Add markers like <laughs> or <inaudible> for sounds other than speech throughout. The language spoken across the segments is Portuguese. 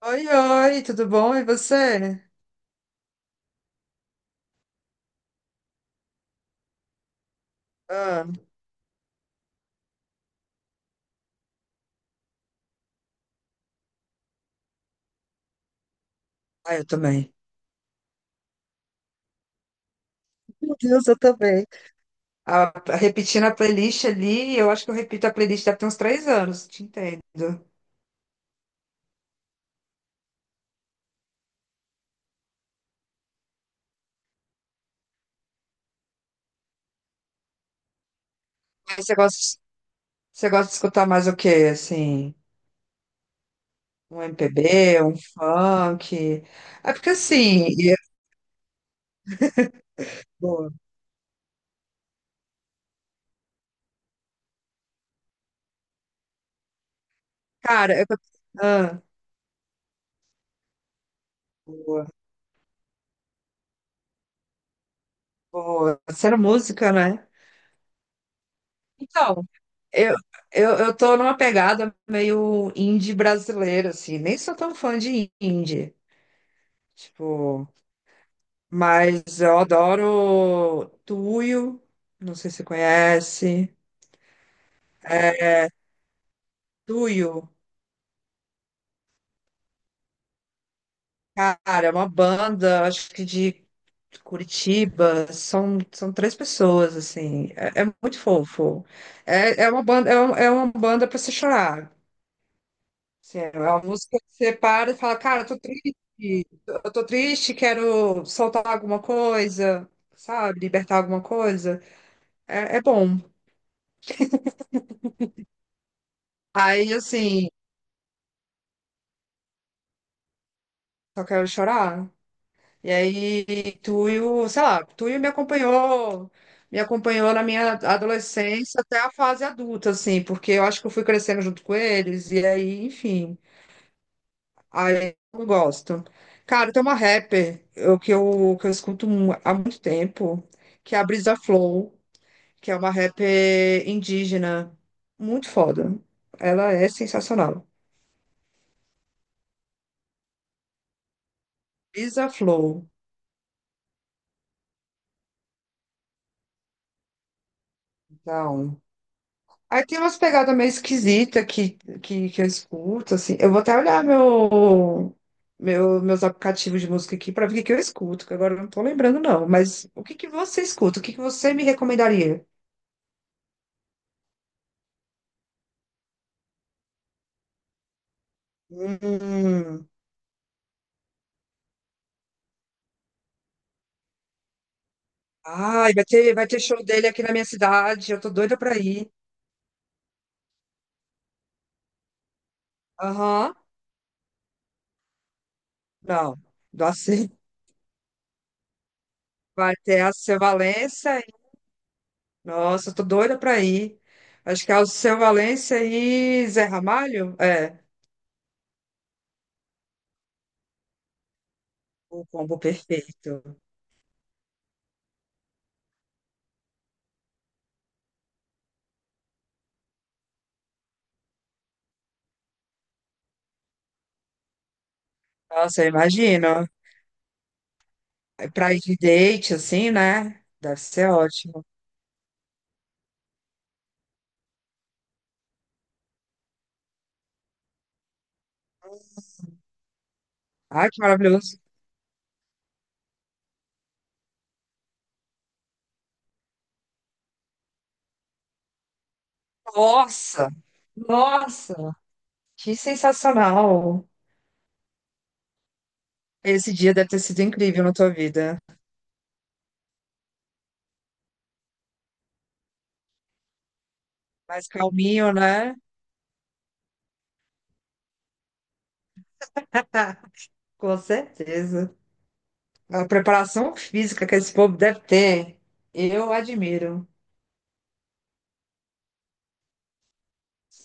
Oi, oi, tudo bom? E você? Ah, ah, eu também. Meu Deus, eu também. Ah, repetindo a playlist ali, eu acho que eu repito a playlist deve ter uns 3 anos, te entendo. Mas você gosta de escutar mais o quê? Assim, um MPB, um funk? É porque assim, boa. Cara, eu. Ah, boa, boa. Sendo música, né? Então, eu, eu tô numa pegada meio indie brasileira, assim. Nem sou tão fã de indie. Tipo, mas eu adoro Tuyo, não sei se você conhece. É, Tuyo, cara, é uma banda, acho que de Curitiba, são 3 pessoas, assim, é muito fofo. É uma banda, é uma banda pra você chorar. Assim, é uma música que você para e fala, cara, eu tô triste, quero soltar alguma coisa, sabe? Libertar alguma coisa. É bom. Aí, assim. Só quero chorar. E aí, Tuyo, sei lá, Tuyo me acompanhou na minha adolescência até a fase adulta, assim, porque eu acho que eu fui crescendo junto com eles, e aí, enfim, aí eu gosto. Cara, tem uma rapper que eu escuto há muito tempo, que é a Brisa Flow, que é uma rapper indígena, muito foda. Ela é sensacional. Brisa Flow, então. Aí tem umas pegadas meio esquisitas que eu escuto, assim. Eu vou até olhar meus aplicativos de música aqui para ver o que que eu escuto, que agora eu não tô lembrando, não. Mas o que que você escuta? O que que você me recomendaria? Hum. Ai, vai ter show dele aqui na minha cidade. Eu tô doida pra ir. Aham. Não. Nossa, <laughs> vai ter a Alceu Valença. Nossa, eu tô doida pra ir. Acho que é Alceu Valença e Zé Ramalho? É, o combo perfeito. Nossa, eu imagino. Pra ir de date, assim, né? Deve ser ótimo. Ai, que maravilhoso. Nossa! Nossa! Que sensacional! Esse dia deve ter sido incrível na tua vida. Mais calminho, né? <laughs> Com certeza. A preparação física que esse povo deve ter, eu admiro.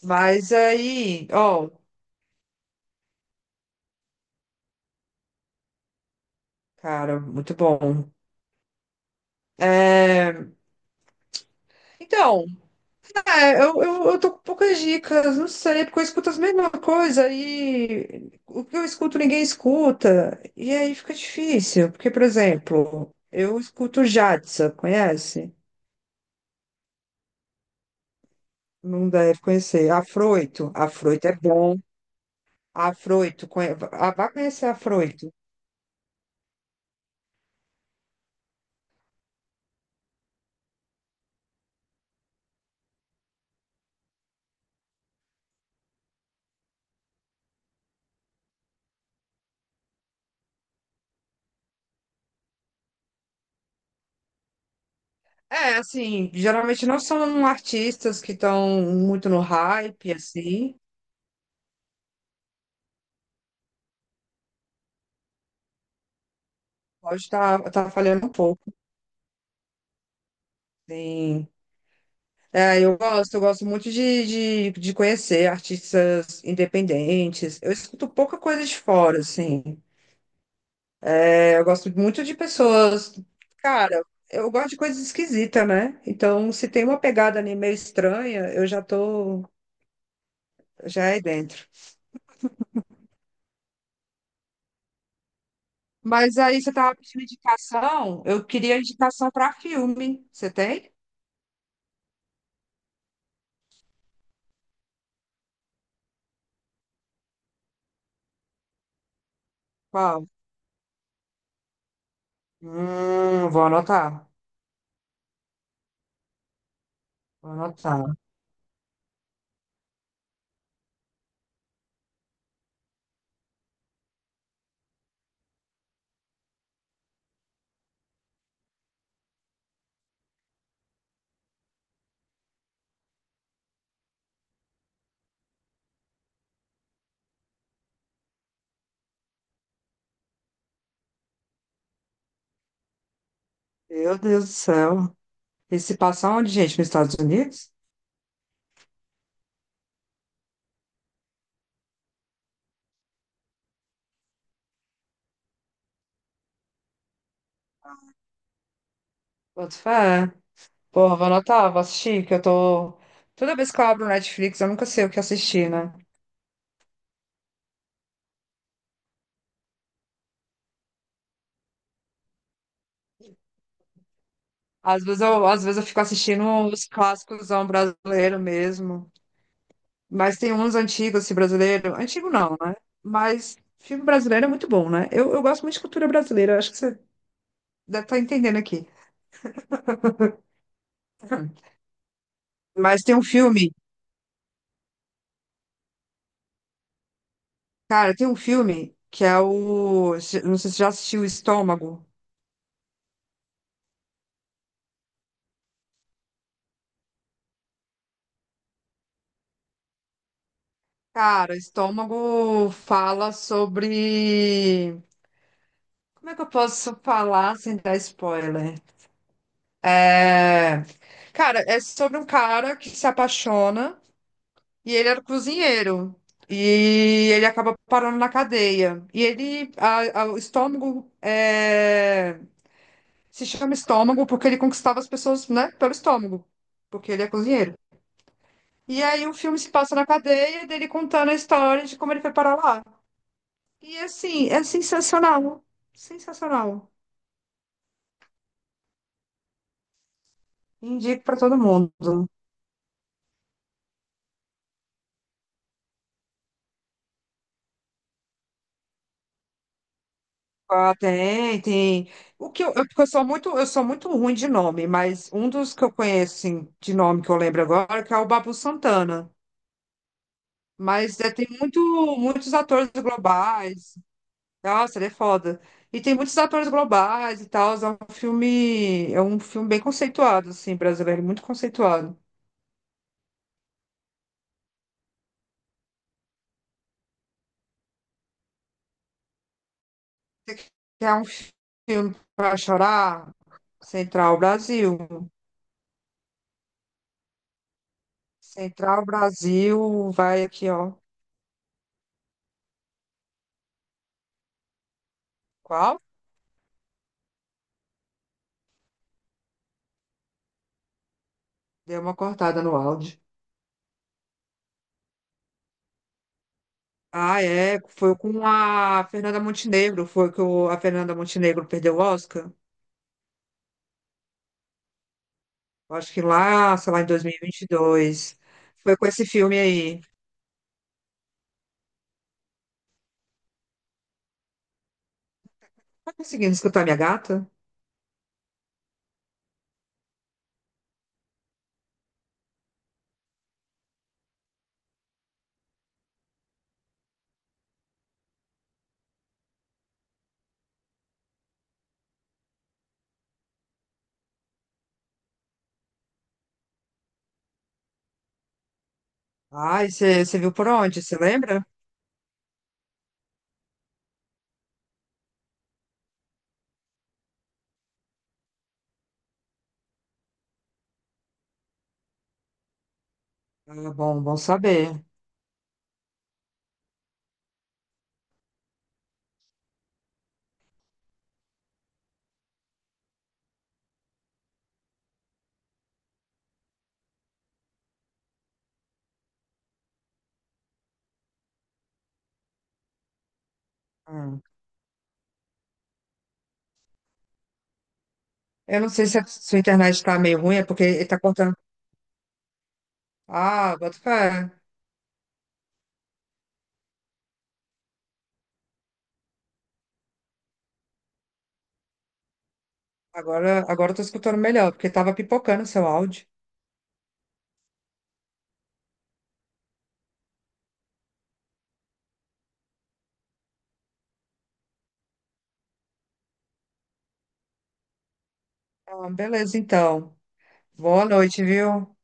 Mas aí, ó, cara, muito bom. É, Então, eu tô com poucas dicas, não sei, porque eu escuto as mesmas coisas e o que eu escuto ninguém escuta, e aí fica difícil, porque, por exemplo, eu escuto Jadsa, conhece? Não deve conhecer. Afroito, Afroito é bom. Afroito, ah, vai conhecer Afroito. É, assim, geralmente não são artistas que estão muito no hype, assim, pode estar tá falhando um pouco, sim. É, eu gosto muito de conhecer artistas independentes. Eu escuto pouca coisa de fora, assim. É, eu gosto muito de pessoas. Cara, eu gosto de coisas esquisitas, né? Então, se tem uma pegada ali meio estranha, eu já tô, já é dentro. Mas aí você tava pedindo indicação, eu queria indicação para filme. Você tem? Qual? Vou anotar. Vou anotar. Meu Deus do céu. E se passar onde, gente? Nos Estados Unidos? Boto fé. Porra, vou anotar, vou assistir, que eu tô. Toda vez que eu abro o Netflix, eu nunca sei o que assistir, né? Às vezes eu fico assistindo os clássicos brasileiro mesmo. Mas tem uns antigos, assim, brasileiro. Antigo não, né? Mas filme brasileiro é muito bom, né? Eu gosto muito de cultura brasileira, eu acho que você deve estar entendendo aqui. <laughs> Mas tem um filme, cara, tem um filme que é o. Não sei se você já assistiu Estômago. Cara, Estômago fala sobre. Como é que eu posso falar sem dar spoiler? É, cara, é sobre um cara que se apaixona e ele era cozinheiro. E ele acaba parando na cadeia. E ele. O estômago é, se chama estômago porque ele conquistava as pessoas, né? Pelo estômago. Porque ele é cozinheiro. E aí o filme se passa na cadeia dele contando a história de como ele foi parar lá. E assim, é sensacional. Sensacional. Indico pra todo mundo. Ah, tem, tem. O que eu, porque eu sou muito ruim de nome, mas um dos que eu conheço, assim, de nome que eu lembro agora, que é o Babu Santana. Mas é, tem muitos atores globais. Nossa, ele é foda. E tem muitos atores globais e tal. É um filme bem conceituado, assim, brasileiro, muito conceituado. Você quer um filme para chorar? Central Brasil. Central Brasil, vai aqui, ó. Qual? Deu uma cortada no áudio. Ah, é. Foi com a Fernanda Montenegro. Foi que a Fernanda Montenegro perdeu o Oscar. Eu acho que lá, sei lá, em dois mil e vinte e dois, foi com esse filme aí. Tá conseguindo escutar minha gata? Ah, você viu por onde? Você lembra? Ah, bom, bom saber. Hum. Eu não sei se a sua internet está meio ruim, é porque ele tá cortando. Ah, bota fé. Agora, agora eu tô escutando melhor, porque tava pipocando o seu áudio. Ah, beleza, então. Boa noite, viu?